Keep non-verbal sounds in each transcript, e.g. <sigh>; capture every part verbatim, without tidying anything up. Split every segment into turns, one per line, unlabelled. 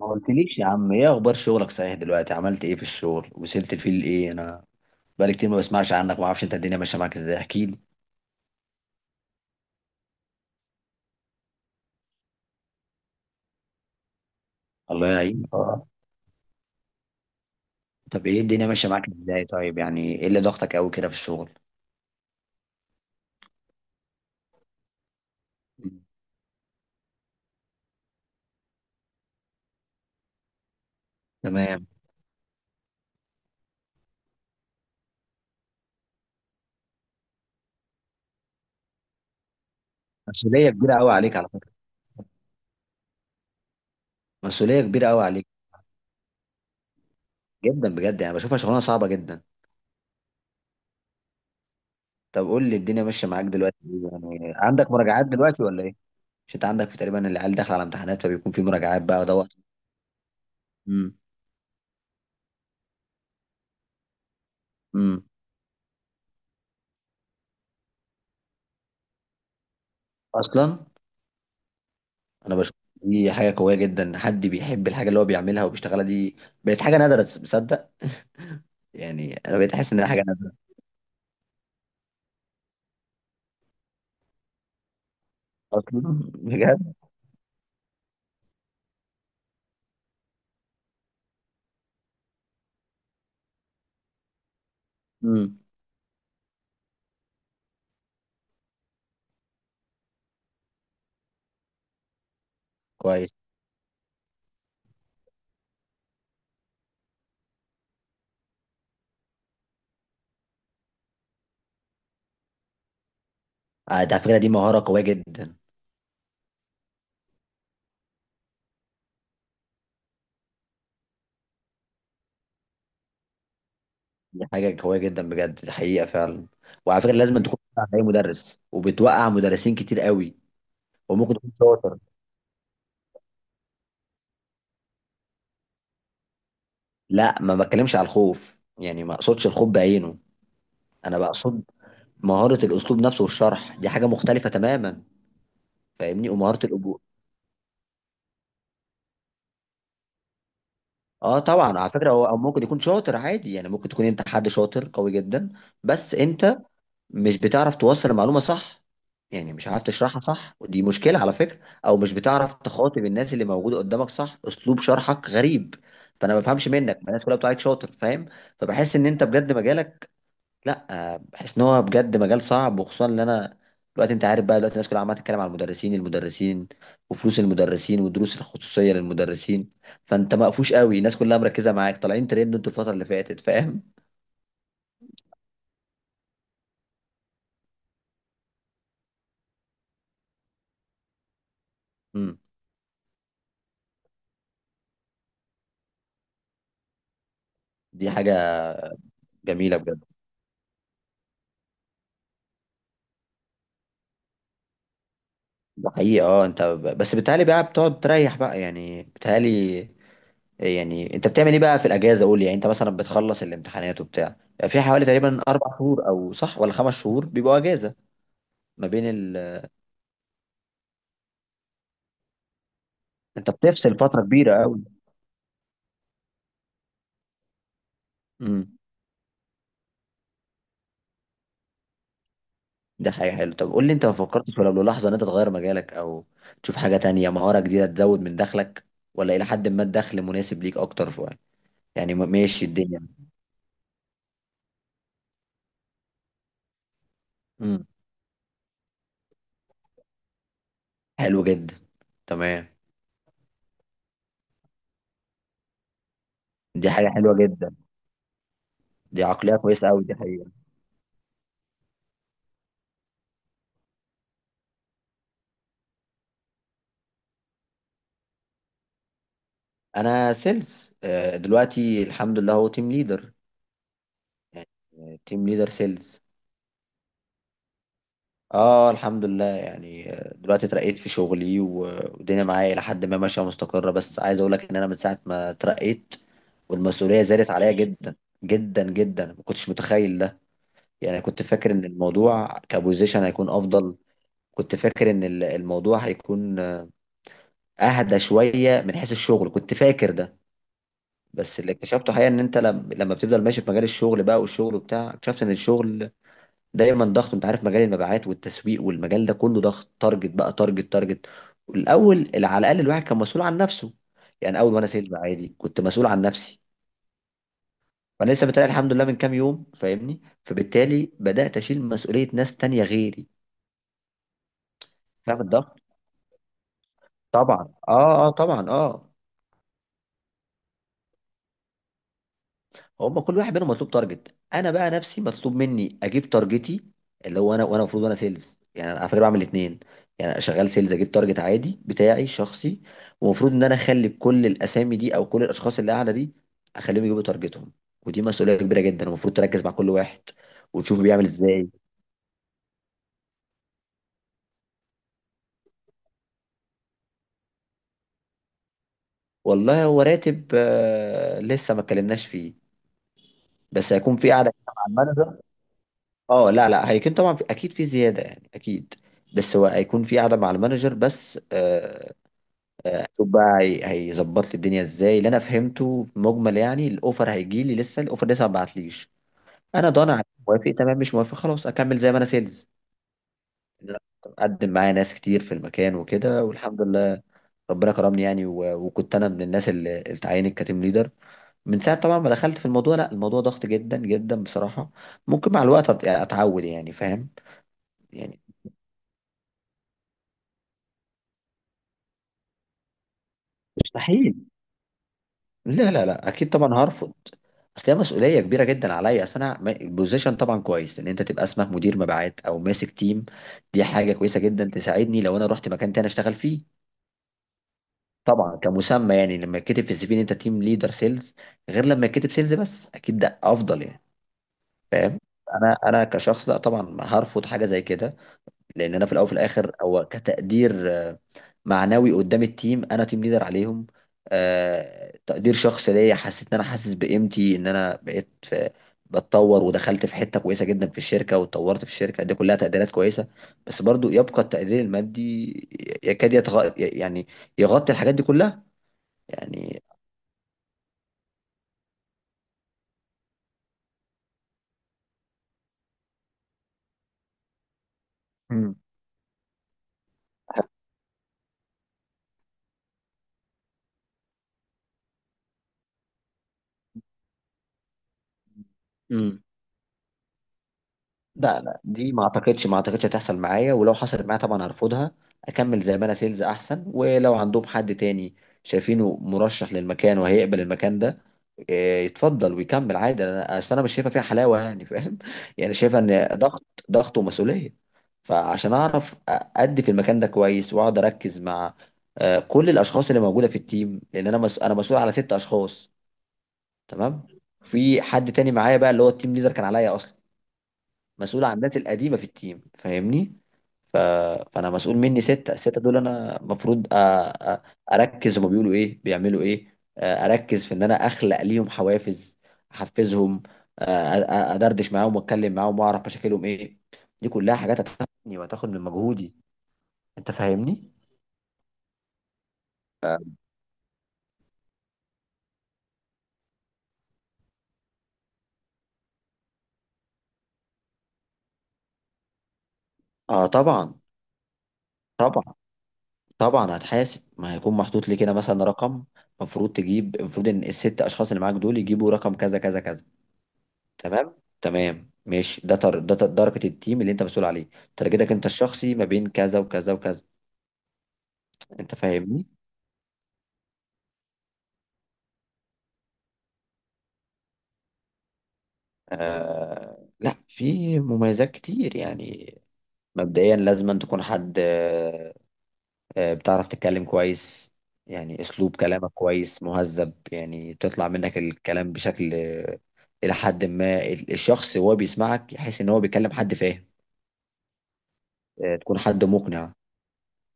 ما قلتليش يا عم، ايه اخبار شغلك؟ صحيح دلوقتي عملت ايه في الشغل؟ وصلت لفين؟ ايه انا، بقالي كتير ما بسمعش عنك، ما اعرفش انت الدنيا ماشيه معاك ازاي، احكي لي. الله يعينك. اه. طب ايه الدنيا ماشيه معاك ازاي؟ طيب يعني ايه اللي ضغطك قوي كده في الشغل؟ مم. تمام. مسؤوليه كبيره قوي عليك على فكره. مسؤوليه كبيره قوي عليك. جدا بجد، يعني بشوفها شغلانه صعبه جدا. طب قول لي الدنيا ماشيه معاك دلوقتي إيه؟ يعني عندك مراجعات دلوقتي ولا ايه؟ مش انت عندك في تقريبا العيال داخله على امتحانات؟ فبيكون في مراجعات بقى دوت. امم. امم. اصلا. انا بشوف. دي حاجه قويه جدا إن حد بيحب الحاجه اللي هو بيعملها وبيشتغلها دي. بقت حاجه نادره، تصدق؟ يعني انا بقيت احس انها حاجه نادره. اصلا <laughs> بجد. امم. كويس. آه، ده على فكره دي مهاره قويه جدا. دي حاجه قويه جدا بجد، دي حقيقه فعلا. وعلى فكره لازم تكون بتوقع اي مدرس، وبتوقع مدرسين كتير قوي. وممكن تكون شاطر. لا، ما بتكلمش على الخوف، يعني ما اقصدش الخوف بعينه. انا بقصد مهاره الاسلوب نفسه والشرح، دي حاجه مختلفه تماما. فاهمني؟ ومهاره الأبو- اه طبعا، على فكره هو او ممكن يكون شاطر عادي، يعني ممكن تكون انت حد شاطر قوي جدا. بس انت مش بتعرف توصل المعلومه صح، يعني مش عارف تشرحها صح، ودي مشكله على فكره. او مش بتعرف تخاطب الناس اللي موجوده قدامك صح، اسلوب شرحك غريب. فانا ما بفهمش منك، ما الناس كلها بتقولك شاطر، فاهم؟ فبحس ان انت بجد مجالك. لا، بحس ان هو بجد مجال صعب، وخصوصا ان انا دلوقتي، انت عارف بقى، دلوقتي الناس كلها عماله تتكلم على المدرسين المدرسين، وفلوس المدرسين والدروس الخصوصيه للمدرسين. فانت مقفوش قوي، الناس كلها مركزه معاك، طالعين ترند انتوا الفتره اللي فاتت، فاهم؟ امم. دي حاجه جميله بجد. ده حقيقه، اه انت ب- بس بتهيألي بقى بتقعد تريح بقى، يعني بتهيألي. إيه يعني انت بتعمل ايه بقى في الاجازه؟ قول لي، يعني انت مثلا بتخلص الامتحانات وبتاع، يعني في حوالي تقريبا اربع شهور او، صح ولا خمس شهور بيبقوا اجازه؟ ما بين ال... انت بتفصل فتره كبيره قوي. امم. ده حاجة حلوة. طب قول لي، انت ما فكرتش ولا لحظة ان انت تغير مجالك او تشوف حاجة تانية، مهارة جديدة تزود من دخلك؟ ولا الى حد ما الدخل مناسب ليك اكتر شوية؟ يعني ما- ماشي الدنيا. امم. حلو جدا. تمام. دي حاجة حلوة جدا، دي عقلية كويسة قوي دي حقيقة. انا سيلز، آه، دلوقتي الحمد لله هو تيم ليدر. يعني تيم ليدر سيلز. اه الحمد لله، يعني آه، دلوقتي اترقيت في شغلي و- والدنيا معايا الى حد ما ماشيه مستقره، بس عايز اقول لك ان انا من ساعه ما اترقيت والمسؤوليه زادت عليا جدا. جدا جدا، ما كنتش متخيل ده. يعني كنت فاكر ان الموضوع كبوزيشن هيكون افضل. كنت فاكر ان ال- الموضوع هيكون آه، اهدى شويه من حيث الشغل، كنت فاكر ده. بس اللي اكتشفته حقيقه ان انت لم- لما بتفضل ماشي في مجال الشغل بقى والشغل وبتاع، اكتشفت ان الشغل دايما ضغط. انت عارف مجال المبيعات والتسويق والمجال ده كله ضغط، تارجت بقى، تارجت تارجت. الاول على الاقل الواحد كان مسؤول عن نفسه. يعني اول وانا سيلز عادي كنت مسؤول عن نفسي. وانا لسه بتلاقي الحمد لله من كام يوم، فاهمني؟ فبالتالي بدات اشيل مسؤوليه ناس تانية غيري. فاهم الضغط؟ طبعا اه، اه طبعا، اه. هما كل واحد منهم مطلوب تارجت، انا بقى نفسي مطلوب مني اجيب تارجتي، اللي هو انا، وانا المفروض انا سيلز. يعني انا على فكره بعمل الاثنين. يعني أنا شغال سيلز اجيب تارجت عادي بتاعي شخصي، ومفروض ان انا اخلي كل الاسامي دي او كل الاشخاص اللي قاعده دي اخليهم يجيبوا تارجتهم. ودي مسؤوليه كبيره جدا، المفروض تركز مع كل واحد وتشوف بيعمل ازاي. والله هو راتب آه، لسه ما اتكلمناش فيه. بس هيكون في قاعده كده مع المانجر. اه لا لا، هيكون طبعا في اكيد في زياده، يعني اكيد. بس هو هيكون في قاعده مع المانجر بس، آه، هشوف بقى هي- هيظبط لي الدنيا ازاي. اللي انا فهمته مجمل، يعني الاوفر هيجي لي لسه، الاوفر لسه ما بعتليش. انا ضامن عليه. موافق تمام، مش موافق خلاص اكمل زي ما انا سيلز. لا، اقدم معايا ناس كتير في المكان وكده والحمد لله. ربنا كرمني، يعني و- وكنت انا من الناس اللي اللي اتعينت كتيم ليدر. من ساعه طبعا ما دخلت في الموضوع، لا الموضوع ضغط جدا جدا بصراحه. ممكن مع الوقت أت- يعني اتعود، يعني فاهم. يعني مستحيل. لا لا لا، اكيد طبعا هرفض. اصل هي مسؤوليه كبيره جدا عليا، اصل انا م- البوزيشن طبعا كويس ان انت تبقى اسمك مدير مبيعات او ماسك تيم. دي حاجه كويسه جدا، تساعدني لو انا رحت مكان تاني اشتغل فيه. طبعا كمسمى، يعني لما يتكتب في السي في ان انت تيم ليدر سيلز غير لما يتكتب سيلز بس، اكيد ده افضل يعني. فاهم؟ انا انا كشخص لا طبعا هرفض حاجه زي كده. لان انا في الاول وفي الاخر هو كتقدير آه، معنوي قدام التيم، انا تيم ليدر عليهم. آه، تقدير شخصي ليا، حسيت ان انا حاسس بقيمتي، ان انا بقيت في بتطور، ودخلت في حته كويسه جدا في الشركه، واتطورت في الشركه، دي كلها تقديرات كويسه. بس برضو يبقى التقدير المادي يكاد يتغ... يعني يغطي الحاجات دي كلها. يعني. مم. لا لا، دي ما اعتقدش ما اعتقدش هتحصل معايا، ولو حصلت معايا طبعا هرفضها. اكمل زي ما انا سيلز احسن، ولو عندهم حد تاني شايفينه مرشح للمكان وهيقبل المكان ده، إيه، يتفضل ويكمل عادي. انا اصل انا مش شايفه فيها حلاوه، يعني فاهم <laughs> يعني شايفه ان ضغط، ضغط ومسؤوليه. فعشان اعرف ادي في المكان ده كويس واقعد اركز مع آه، كل الاشخاص اللي موجوده في التيم، لان انا مس- انا مسؤول على ست اشخاص. تمام. في حد تاني معايا بقى، اللي هو التيم ليدر كان عليا اصلا مسؤول عن الناس القديمه في التيم، فاهمني؟ ف... فانا مسؤول مني سته، السته دول انا المفروض أ... أ... اركز هما بيقولوا ايه، بيعملوا ايه، آه، اركز في ان انا اخلق ليهم حوافز، احفزهم، آه، أ... أ... ادردش معاهم واتكلم معاهم واعرف مشاكلهم ايه. دي كلها حاجات هتاخدني وهتاخد من مجهودي. انت فاهمني؟ ف- اه طبعا. طبعا طبعا هتحاسب، ما هيكون محطوط لي كده مثلا رقم. المفروض تجيب، المفروض ان الست اشخاص اللي معاك دول يجيبوا رقم كذا كذا كذا. تمام. تمام ماشي، ده تر... ده درجة التيم اللي انت مسؤول عليه. ترجتك انت الشخصي ما بين كذا وكذا وكذا. انت فاهمني؟ آه... لا في مميزات كتير يعني. مبدئيا لازم أن تكون حد آه... آه... بتعرف تتكلم كويس. يعني اسلوب كلامك كويس مهذب، يعني تطلع منك الكلام بشكل، آه، الى حد ما ال- الشخص وهو بيسمعك يحس ان هو بيكلم حد فاهم. آه... تكون حد مقنع.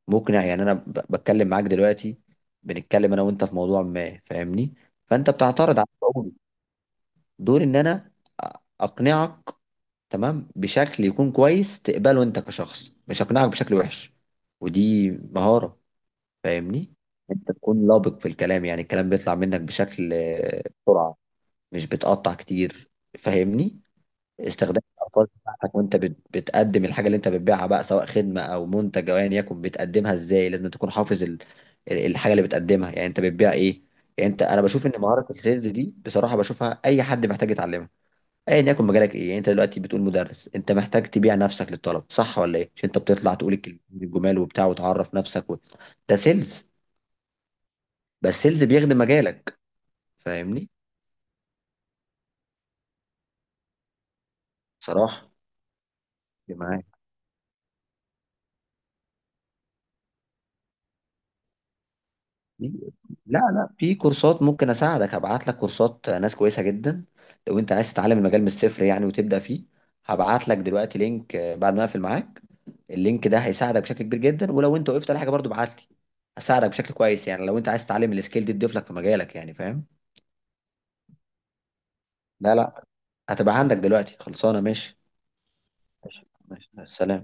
مقنع، يعني انا ب- بتكلم معاك دلوقتي، بنتكلم انا وانت في موضوع ما، فاهمني؟ فانت بتعترض على قولي، دوري ان انا أ- اقنعك. تمام، بشكل يكون كويس تقبله انت كشخص، مش اقنعك بشكل وحش. ودي مهارة. فاهمني؟ انت تكون لابق في الكلام، يعني الكلام بيطلع منك بشكل، آه، بسرعة، مش بتقطع كتير. فاهمني؟ استخدام الالفاظ بتاعتك، وانت بت- بتقدم الحاجه اللي انت بتبيعها بقى، سواء خدمه او منتج او ايا يكن بتقدمها ازاي، لازم تكون حافظ ال- ال- الحاجه اللي بتقدمها. يعني انت بتبيع ايه؟ يعني انت، انا بشوف ان مهاره السيلز دي بصراحه بشوفها اي حد محتاج يتعلمها. ايا يكن مجالك ايه، يعني انت دلوقتي بتقول مدرس، انت محتاج تبيع نفسك للطلب صح ولا ايه؟ مش انت بتطلع تقول الكلمتين الجمال وبتاع وتعرف نفسك و... ده سيلز. بس سيلز بيخدم مجالك. فاهمني؟ بصراحه دي معاك. في- لا لا، في كورسات ممكن اساعدك، هبعت لك كورسات ناس كويسه جدا. لو انت عايز تتعلم المجال من الصفر يعني وتبدا فيه، هبعت لك دلوقتي لينك آه، بعد ما اقفل معاك. اللينك ده هيساعدك بشكل كبير جدا، ولو انت وقفت على حاجه برضو ابعت لي، هساعدك بشكل كويس. يعني لو انت عايز تتعلم السكيل دي تضيف لك في مجالك، يعني فاهم. لا لا، هتبقى عندك دلوقتي خلصانه، ماشي. ماشي ماشي. سلام.